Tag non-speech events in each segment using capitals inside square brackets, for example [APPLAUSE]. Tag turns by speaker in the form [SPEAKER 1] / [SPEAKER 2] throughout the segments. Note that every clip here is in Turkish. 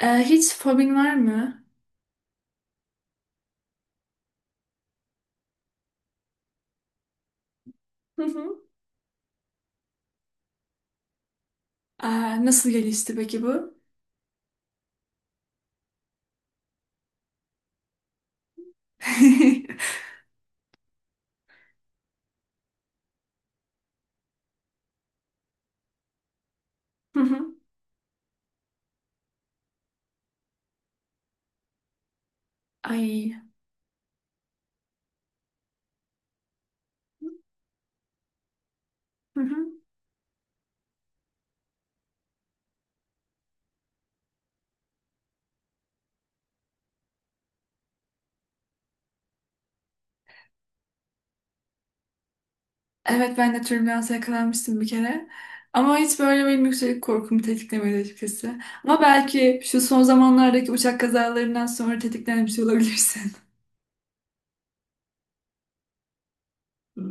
[SPEAKER 1] Hiç fobin var mı? Hı hı. Aa, nasıl gelişti peki bu? [LAUGHS] Hı hı. Ay. Hı hı. Evet, ben de türbülansa yakalanmıştım bir kere. Ama hiç böyle benim yükseklik korkumu tetiklemedi açıkçası. Ama belki şu son zamanlardaki uçak kazalarından sonra tetiklenmiş olabilirsin. [LAUGHS] Hı.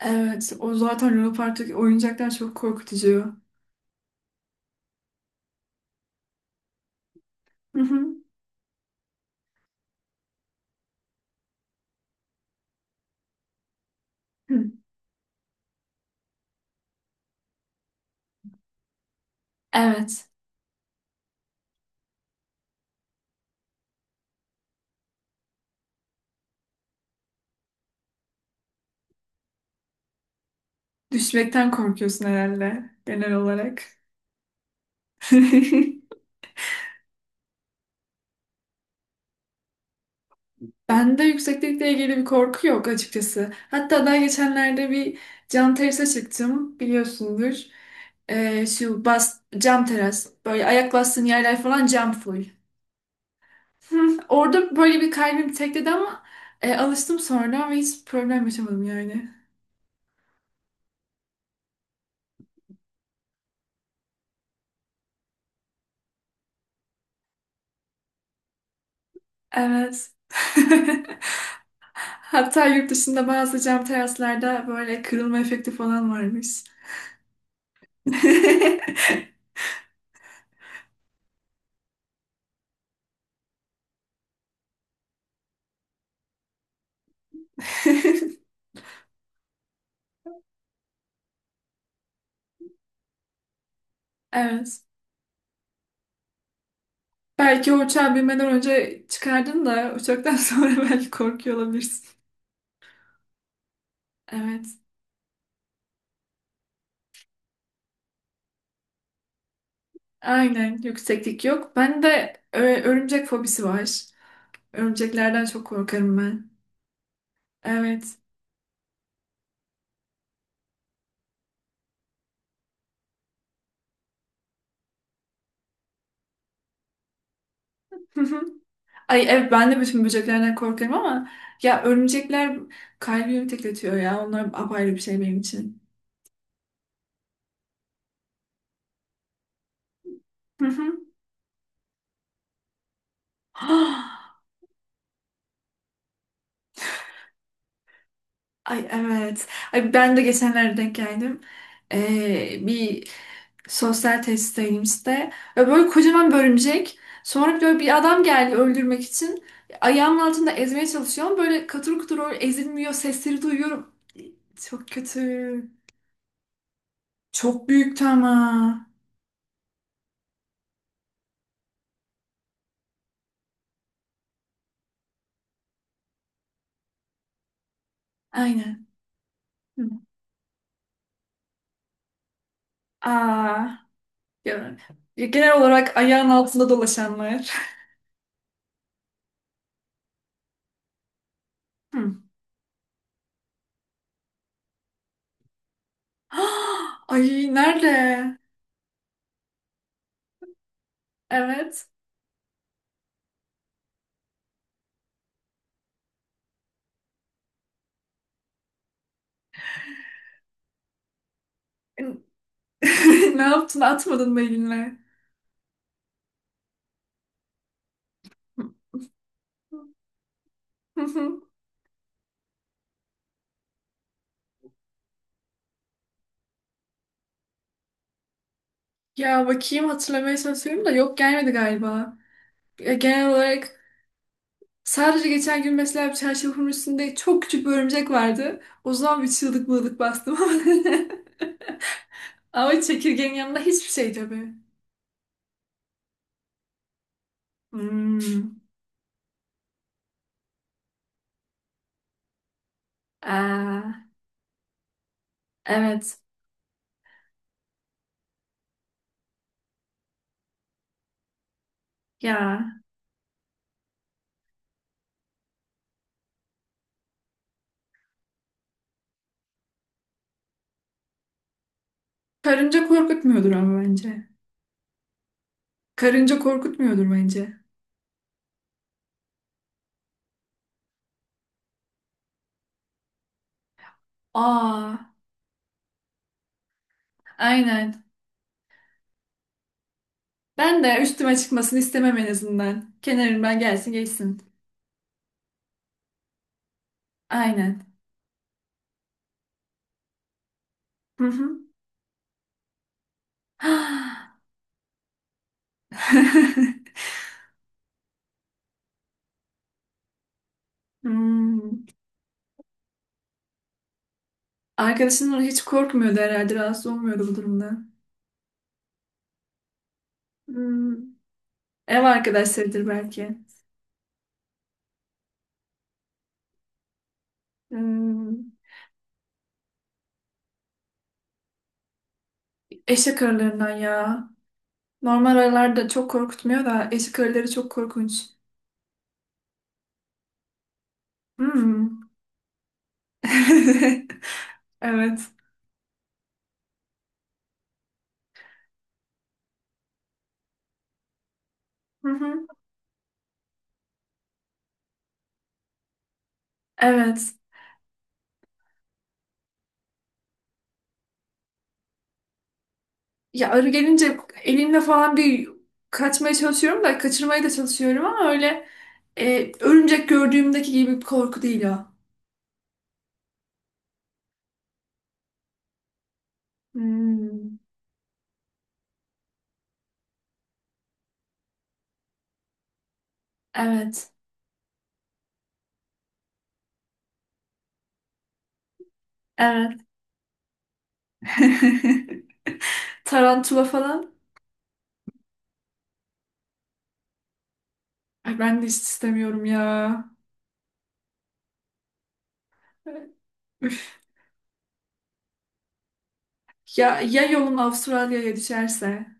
[SPEAKER 1] Evet, o zaten Lunapark'taki oyuncaklar çok korkutucu. Hı hı. [LAUGHS] Hı. Evet. Düşmekten korkuyorsun herhalde genel olarak. [LAUGHS] Bende yükseklikle ilgili bir korku yok açıkçası. Hatta daha geçenlerde bir cam terasa çıktım, biliyorsundur. Şu cam teras, böyle ayak bastığın yerler falan cam full. [LAUGHS] Hı. Orada böyle bir kalbim tekledi ama alıştım sonra ve hiç problem yaşamadım yani. Evet. [LAUGHS] Hatta yurt dışında bazı cam teraslarda böyle kırılma efekti falan varmış. [LAUGHS] Evet. Belki o uçağı binmeden önce çıkardın da uçaktan [LAUGHS] sonra belki korkuyor olabilirsin. Evet. Aynen. Yükseklik yok. Ben de örümcek fobisi var. Örümceklerden çok korkarım ben. Evet. [LAUGHS] Ay evet, ben de bütün böceklerden korkarım ama ya örümcekler kalbimi tekletiyor ya. Onlar apayrı bir şey benim için. Hı hı. [GASPS] Ay evet. Ay, ben de geçenlerde denk geldim. Bir sosyal tesisteyimizde. Ve böyle kocaman bir örümcek. Sonra böyle bir adam geldi öldürmek için. Ayağımın altında ezmeye çalışıyorum. Böyle katır kutur öyle ezilmiyor. Sesleri duyuyorum. Çok kötü. Çok büyüktü ama. Aynen. Hı. Aa, ya- ya genel olarak ayağın altında dolaşanlar. [LAUGHS] Hı. [GASPS] Ay, nerede? Evet. [LAUGHS] Ne yaptın? Atmadın mı elinle? [LAUGHS] Ya bakayım, hatırlamaya çalışıyorum da yok, gelmedi galiba. Genel olarak sadece geçen gün mesela bir çarşafın üstünde çok küçük bir örümcek vardı. O zaman bir çığlık mığlık bastım [LAUGHS] ama. Çekirgenin yanında hiçbir şey tabii. Hmm. Aa, evet. Ya. Karınca korkutmuyordur ama bence. Karınca korkutmuyordur bence. Aa, aynen. Ben de üstüme çıkmasını istemem en azından. Kenarımdan gelsin geçsin. Aynen. Hı hı. [LAUGHS] [GASPS] Hmm. Arkadaşın hiç korkmuyordu herhalde, rahatsız olmuyordu bu durumda. Hmm. Ev arkadaşlarıdır belki. Hmm. Eşek arılarından ya. Normal arılar da çok korkutmuyor da eşek arıları çok korkunç. Hmm. [LAUGHS] Evet. Hı hı. Evet. Ya arı gelince elimle falan bir kaçmaya çalışıyorum da kaçırmaya da çalışıyorum ama öyle örümcek gördüğümdeki gibi bir korku değil o. Hmm. Evet. Evet. [LAUGHS] Tarantula falan. Ay, ben de hiç istemiyorum ya. Üf. Ya yolun Avustralya'ya düşerse.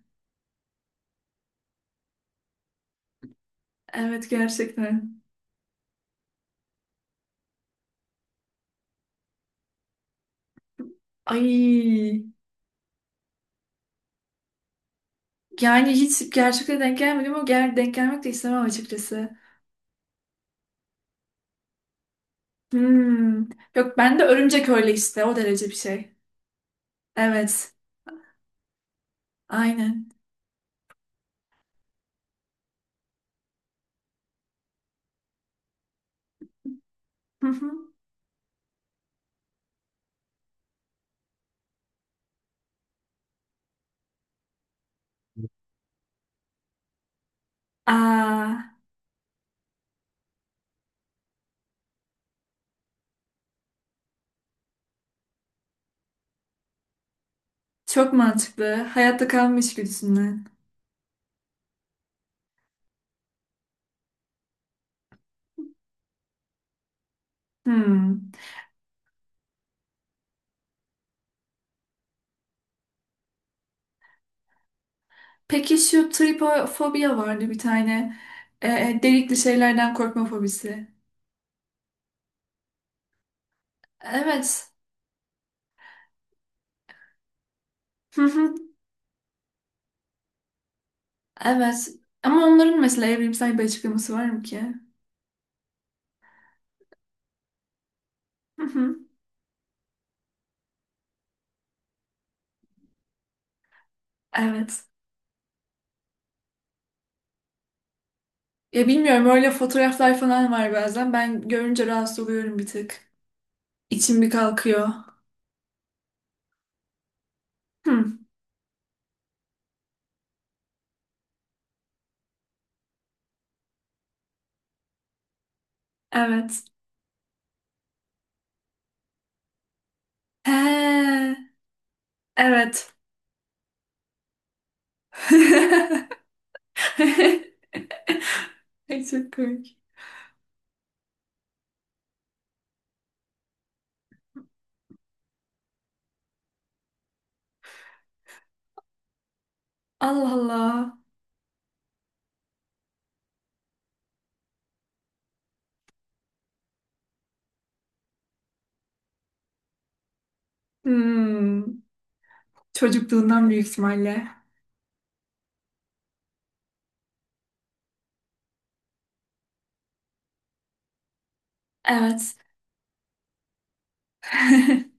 [SPEAKER 1] Evet, gerçekten. Ay. Yani hiç gerçekten denk gelmedim ama denk gelmek de istemem açıkçası. Hmm. Yok, ben de örümcek öyle işte, o derece bir şey. Evet. Aynen. Hı hı. Aa, çok mantıklı. Hayatta kalma içgüdüsünden. Hmm. Peki şu tripofobiya vardı bir tane. Delikli şeylerden korkma fobisi. Evet. Hı hı. Evet. Ama onların mesela evrimsel bir açıklaması var mı ki? Hı hı. Evet. Ya bilmiyorum, öyle fotoğraflar falan var bazen. Ben görünce rahatsız oluyorum bir tık. İçim bir kalkıyor. Hı. Evet. He. Evet. [LAUGHS] Ay, çok komik. Allah Allah. Hmm. Çocukluğundan büyük ihtimalle. Evet. [LAUGHS]